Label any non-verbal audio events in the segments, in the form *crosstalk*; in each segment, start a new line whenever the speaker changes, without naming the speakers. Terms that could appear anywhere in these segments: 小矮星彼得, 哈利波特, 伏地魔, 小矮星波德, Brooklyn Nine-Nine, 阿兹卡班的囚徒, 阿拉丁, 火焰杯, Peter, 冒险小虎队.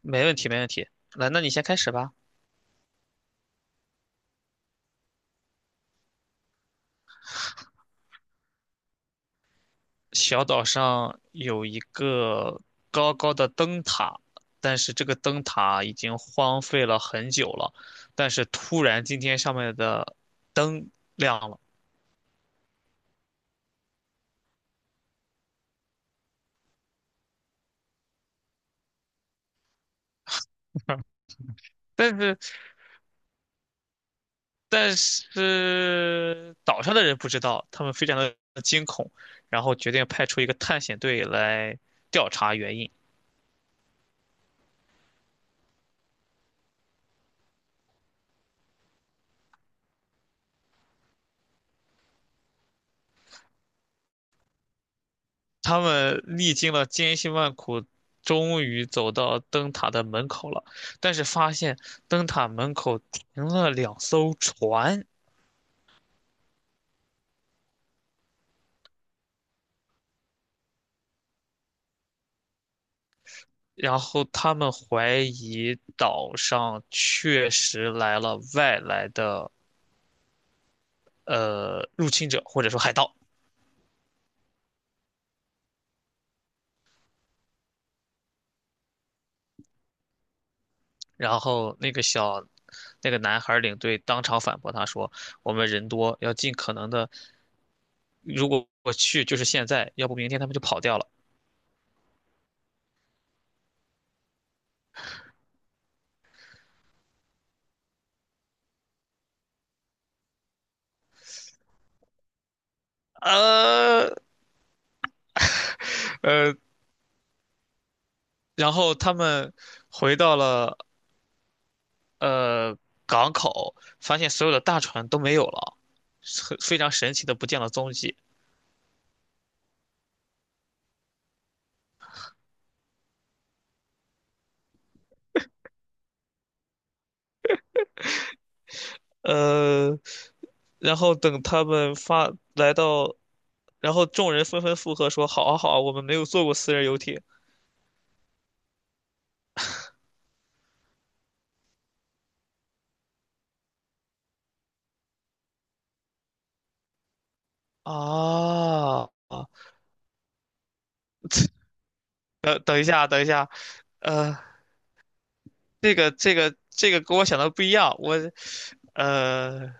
没问题，没问题。来，那你先开始吧。小岛上有一个高高的灯塔，但是这个灯塔已经荒废了很久了。但是突然今天上面的灯亮了，但是但是岛上的人不知道，他们非常的惊恐，然后决定派出一个探险队来调查原因。他们历经了千辛万苦，终于走到灯塔的门口了，但是发现灯塔门口停了两艘船，然后他们怀疑岛上确实来了外来的入侵者或者说海盗，然后那个小。那个男孩领队当场反驳他说：“我们人多，要尽可能的，如果我去就是现在，要不明天他们就跑掉了。”呃呃，然后他们回到了呃港口，发现所有的大船都没有了，很非常神奇的不见了踪迹。呃，然后等他们发来到，然后众人纷纷附和说：“好啊，好啊，我们没有坐过私人游艇啊。”呃等一下，等一下，呃，这个跟我想的不一样，我，呃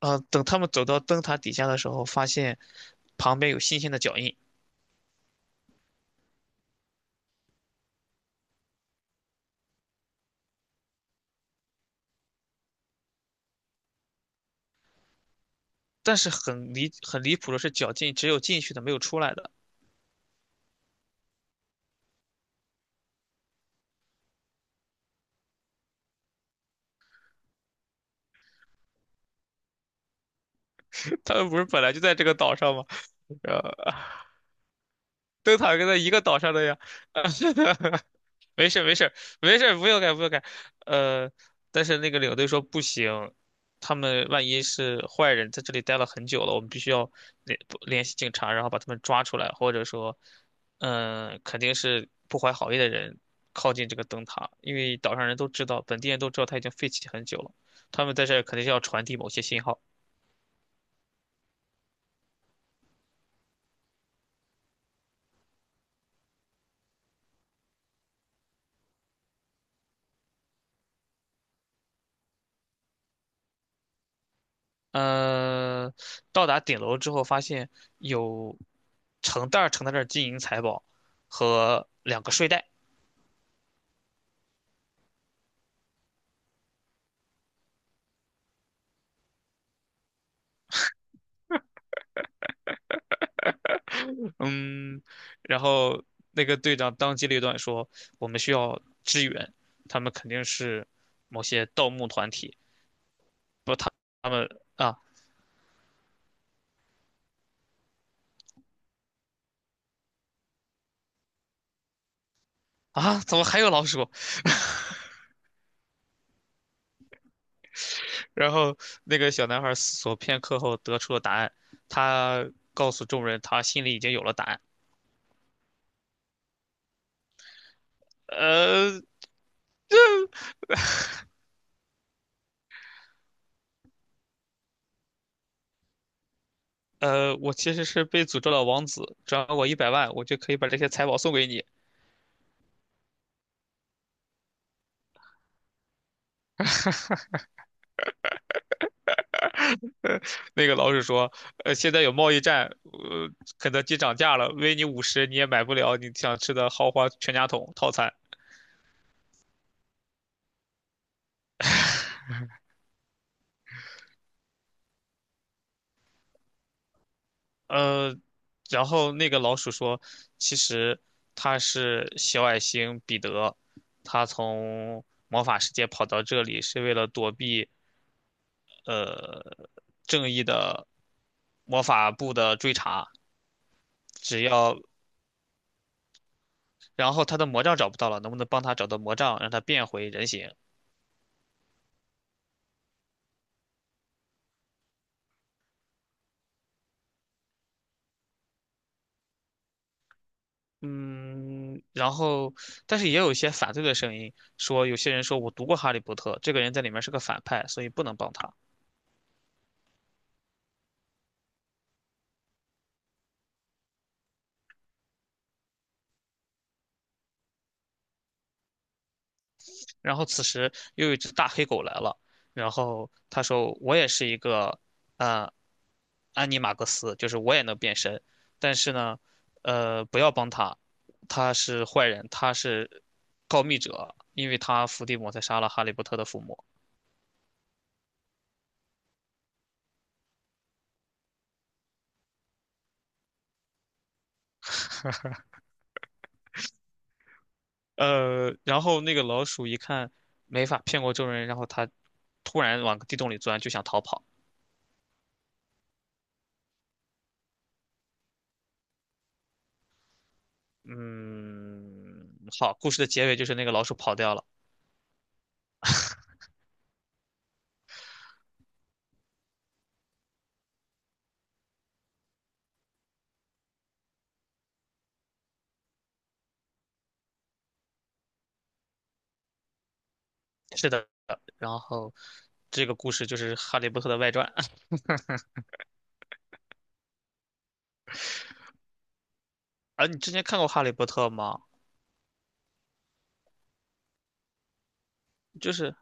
等他们走到灯塔底下的时候，发现旁边有新鲜的脚印，但是很离谱的是，脚进只有进去的，没有出来的。*laughs* 他们不是本来就在这个岛上吗？*laughs* 呃，灯塔跟在一个岛上的呀。*laughs* 没事儿,没事儿,没事儿，不用改不用改。呃，但是那个领队说不行，他们万一是坏人，在这里待了很久了，我们必须要联不联系警察，然后把他们抓出来，或者说，嗯、肯定是不怀好意的人靠近这个灯塔，因为岛上人都知道，本地人都知道它已经废弃很久了，他们在这儿肯定是要传递某些信号。呃，到达顶楼之后，发现有成袋儿成袋儿的金银财宝和两个睡袋。嗯，然后那个队长当机立断说，我们需要支援，他们肯定是某些盗墓团体，不，他他们啊啊，怎么还有老鼠？然后那个小男孩思索片刻后得出了答案，他告诉众人，他心里已经有了答案。呃我其实是被诅咒的王子，只转我一百万，我就可以把这些财宝送给你。*laughs* 那个老鼠说，现在有贸易战，呃，肯德基涨价了，微你五十你也买不了你想吃的豪华全家桶套餐。呃，然后那个老鼠说，其实他是小矮星彼得，他从魔法世界跑到这里是为了躲避呃正义的魔法部的追查，只要然后他的魔杖找不到了，能不能帮他找到魔杖，让他变回人形？嗯，但是也有一些反对的声音，说有些人说我读过《哈利波特》，这个人在里面是个反派，所以不能帮他。然后此时又有一只大黑狗来了，然后他说我也是一个，呃，安妮马克斯，就是我也能变身，但是呢，不要帮他，他是坏人，他是告密者，因为他伏地魔才杀了哈利波特的父母。然后那个老鼠一看没法骗过众人，然后它突然往地洞里钻，就想逃跑。嗯，好，故事的结尾就是那个老鼠跑掉了。是的，然后这个故事就是《哈利波特》的外传。*laughs* 啊，你之前看过《哈利波特》吗？就是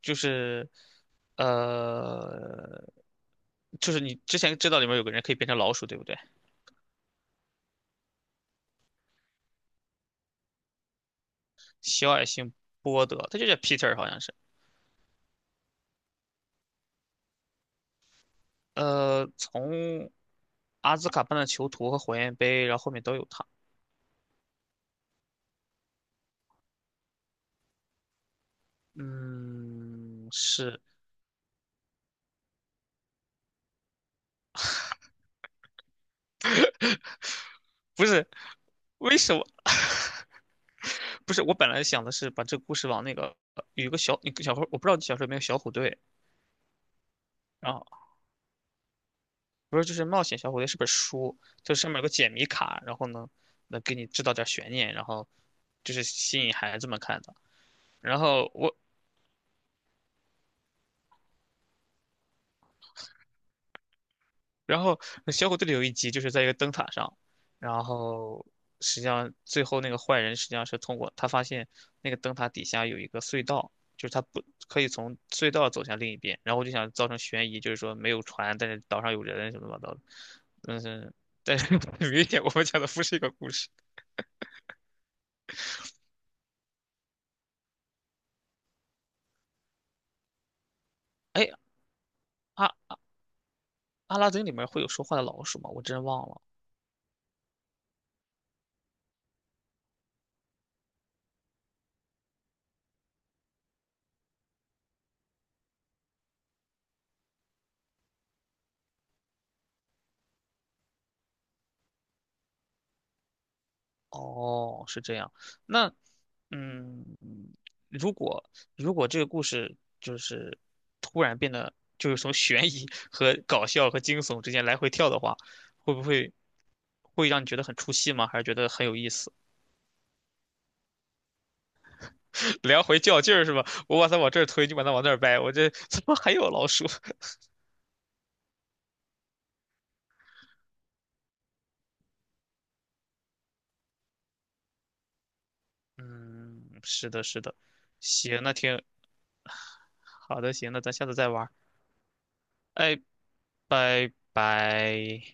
就是，呃，就是你之前知道里面有个人可以变成老鼠，对不对？小矮星波德，他就叫 Peter，好像是。从阿兹卡班的囚徒和火焰杯，然后后面都有他。嗯，是不是？为什么？不是，我本来想的是把这个故事往那个有一个小，一个小伙，我不知道你小时候有没有小虎队，然后不是就是冒险小虎队是本书，就上面有个解谜卡，然后呢能给你制造点悬念，然后就是吸引孩子们看的。然后我然后小虎队里有一集就是在一个灯塔上，然后实际上最后那个坏人实际上是通过他发现那个灯塔底下有一个隧道，就是他不可以从隧道走向另一边，然后我就想造成悬疑，就是说没有船，但是岛上有人什么乱七八糟的，但是但是 *laughs* 很明显我们讲的不是一个故事。哎，阿阿拉丁里面会有说话的老鼠吗？我真忘了。哦，是这样。那，嗯，如果如果这个故事就是突然变得就是从悬疑 *laughs* 和搞笑和惊悚之间来回跳的话，会不会会让你觉得很出戏吗？还是觉得很有意思？*laughs* 来回较劲儿是吧？我把它往这儿推，你把它往那儿掰，我这 *laughs* 怎么还有老鼠？*laughs* 嗯，是的，是的。行，那挺好的，行，那咱下次再玩儿。哎，拜拜。